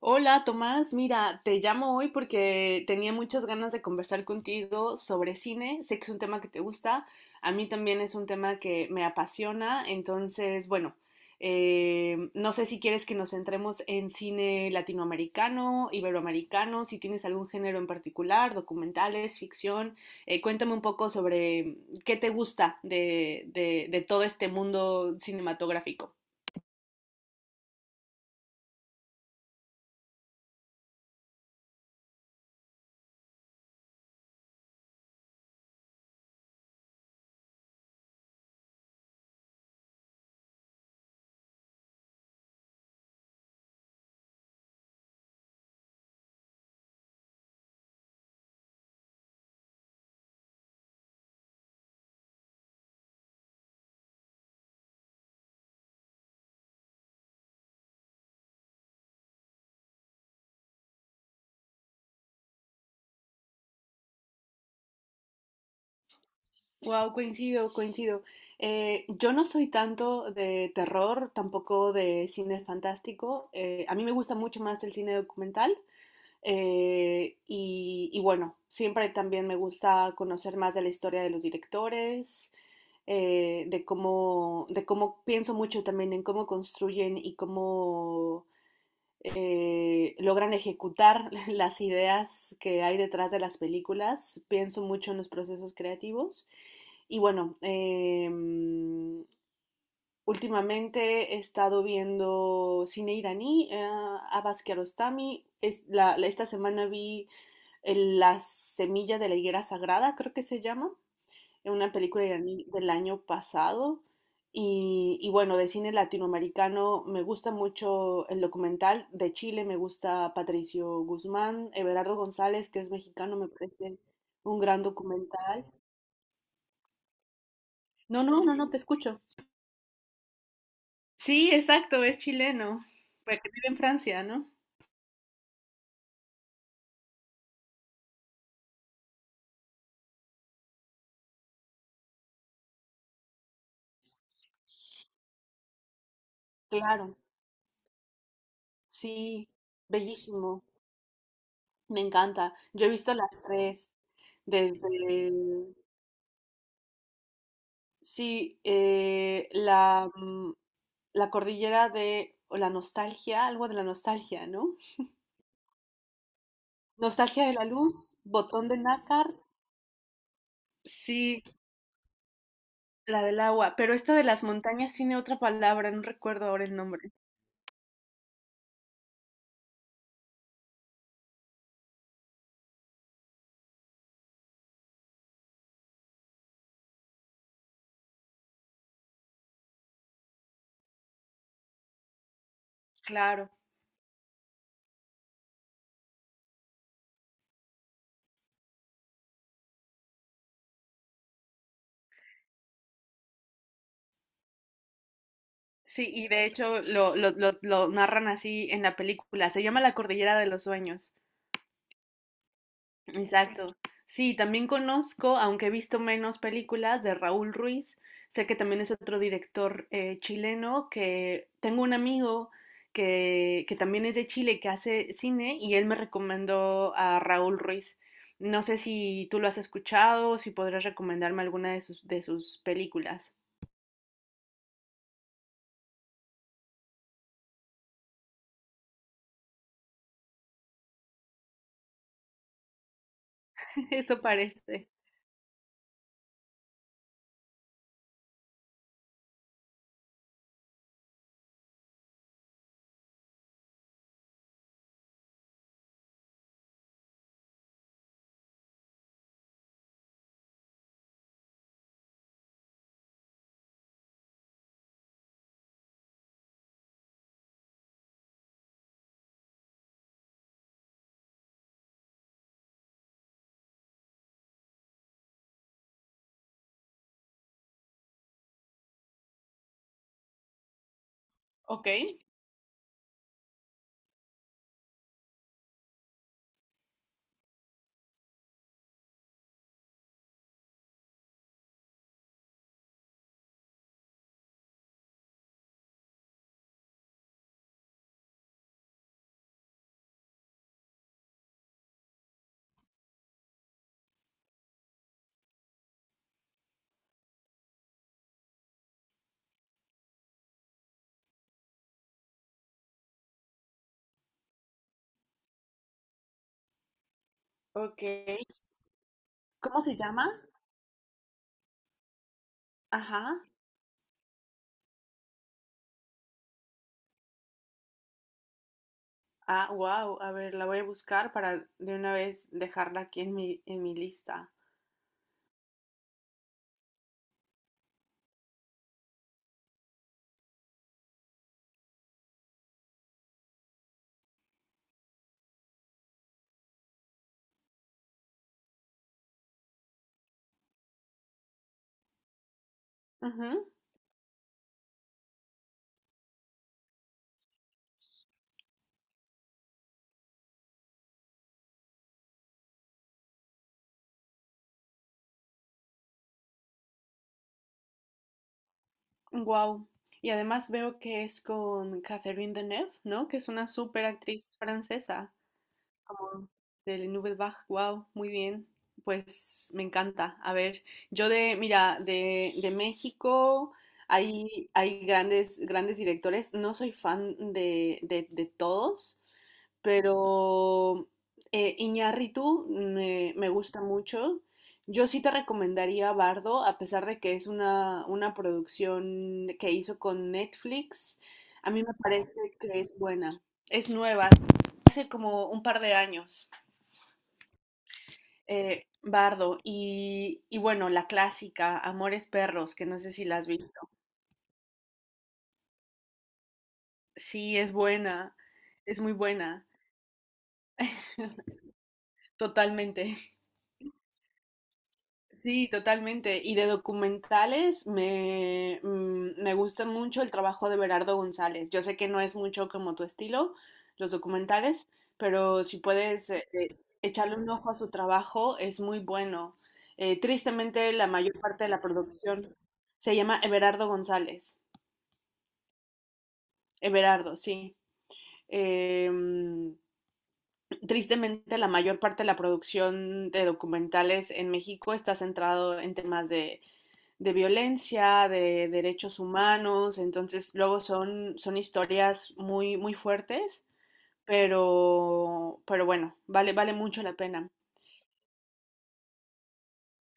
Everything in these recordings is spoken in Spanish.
Hola Tomás, mira, te llamo hoy porque tenía muchas ganas de conversar contigo sobre cine. Sé que es un tema que te gusta, a mí también es un tema que me apasiona, entonces, bueno, no sé si quieres que nos centremos en cine latinoamericano, iberoamericano, si tienes algún género en particular, documentales, ficción. Cuéntame un poco sobre qué te gusta de todo este mundo cinematográfico. Wow, coincido, coincido. Yo no soy tanto de terror, tampoco de cine fantástico. A mí me gusta mucho más el cine documental. Y bueno, siempre también me gusta conocer más de la historia de los directores, de cómo pienso mucho también en cómo construyen y cómo logran ejecutar las ideas que hay detrás de las películas. Pienso mucho en los procesos creativos. Y bueno, últimamente he estado viendo cine iraní, Abbas Kiarostami. Es esta semana vi La semilla de la higuera sagrada, creo que se llama una película iraní del año pasado. Y bueno, de cine latinoamericano me gusta mucho el documental. De Chile me gusta Patricio Guzmán, Everardo González, que es mexicano, me parece un gran documental. No, no, no, no, te escucho. Sí, exacto, es chileno, pero que vive en Francia, ¿no? Claro, sí, bellísimo, me encanta. Yo he visto las tres, desde sí, la, la cordillera de, o la nostalgia, algo de la nostalgia, ¿no? Nostalgia de la luz, botón de nácar, sí, la del agua, pero esta de las montañas tiene otra palabra, no recuerdo ahora el nombre. Claro, sí, y de hecho lo narran así en la película, se llama la cordillera de los sueños. Exacto. Sí, también conozco, aunque he visto menos películas, de Raúl Ruiz. Sé que también es otro director chileno, que tengo un amigo que también es de Chile, que hace cine, y él me recomendó a Raúl Ruiz. No sé si tú lo has escuchado o si podrás recomendarme alguna de sus películas. Eso parece. Ok. Ok. ¿Cómo se llama? Ajá. Ah, wow, a ver, la voy a buscar para de una vez dejarla aquí en mi lista. Wow. Y además veo que es con Catherine Deneuve, ¿no? Que es una súper actriz francesa. Como del Nubelbach, wow, muy bien. Pues me encanta. A ver, yo de, mira, de México hay, hay grandes, grandes directores. No soy fan de todos, pero Iñárritu me, me gusta mucho. Yo sí te recomendaría Bardo, a pesar de que es una producción que hizo con Netflix. A mí me parece que es buena. Es nueva, hace como un par de años, Bardo, y bueno, la clásica, Amores Perros, que no sé si la has visto. Sí, es buena, es muy buena, totalmente. Sí, totalmente. Y de documentales me, me gusta mucho el trabajo de Berardo González. Yo sé que no es mucho como tu estilo, los documentales, pero si puedes echarle un ojo a su trabajo, es muy bueno. Tristemente, la mayor parte de la producción se llama Everardo González. Everardo, sí. Eh, mm, Tristemente, la mayor parte de la producción de documentales en México está centrado en temas de violencia, de derechos humanos, entonces luego son, son historias muy, muy fuertes, pero bueno, vale, vale mucho la pena.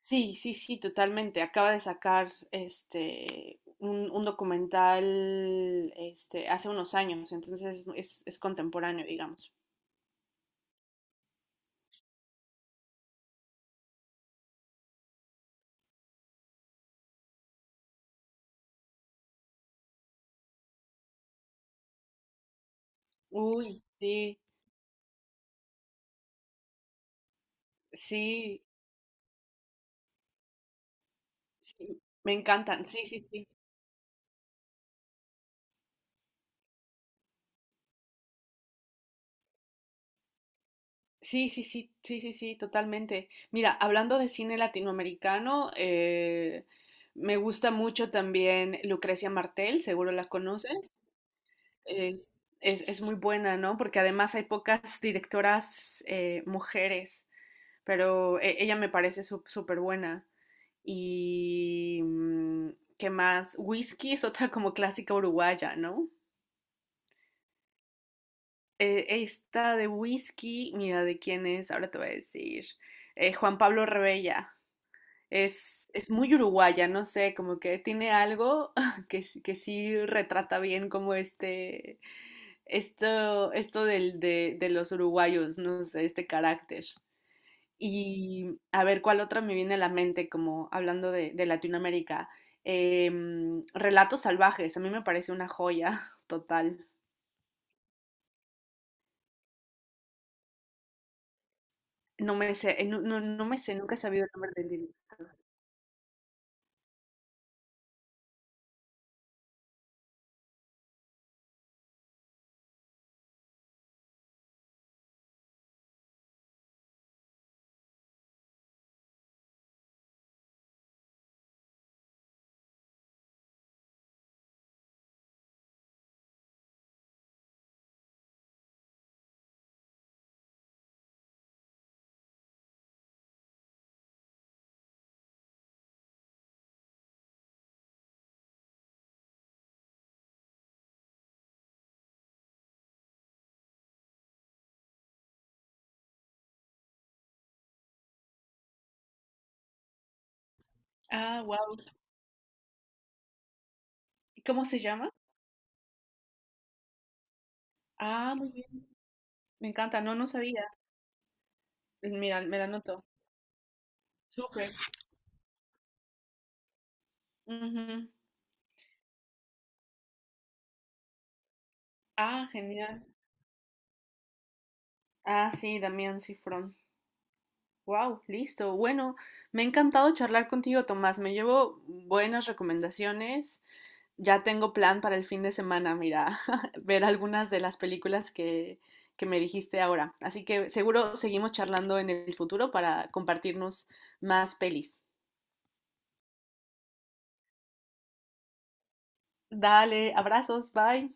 Sí, sí, sí, totalmente. Acaba de sacar este un documental este hace unos años, entonces es contemporáneo, digamos. Uy, sí, sí, sí, me encantan, sí, sí, sí. Sí, sí, sí, sí, sí, sí, totalmente. Mira, hablando de cine latinoamericano, me gusta mucho también Lucrecia Martel, seguro la conoces. Es, es muy buena, ¿no? Porque además hay pocas directoras mujeres, pero ella me parece súper buena. Y, ¿qué más? Whisky es otra como clásica uruguaya, ¿no? Esta de whisky, mira, ¿de quién es? Ahora te voy a decir. Juan Pablo Rebella. Es muy uruguaya, no sé, como que tiene algo que, que sí retrata bien como este, esto del, de los uruguayos, no sé, este carácter. Y a ver, ¿cuál otra me viene a la mente como hablando de Latinoamérica? Em, Relatos salvajes, a mí me parece una joya total. No me sé, no, no me sé, nunca he sabido el nombre del libro. Ah, wow. ¿Cómo se llama? Ah, muy bien. Me encanta. No, no sabía. Mira, me la anoto. Súper. Ujú. Ah, genial. Ah, sí, Damián Cifrón. Wow, listo. Bueno, me ha encantado charlar contigo, Tomás. Me llevo buenas recomendaciones. Ya tengo plan para el fin de semana, mira, ver algunas de las películas que me dijiste ahora. Así que seguro seguimos charlando en el futuro para compartirnos más pelis. Dale, abrazos, bye.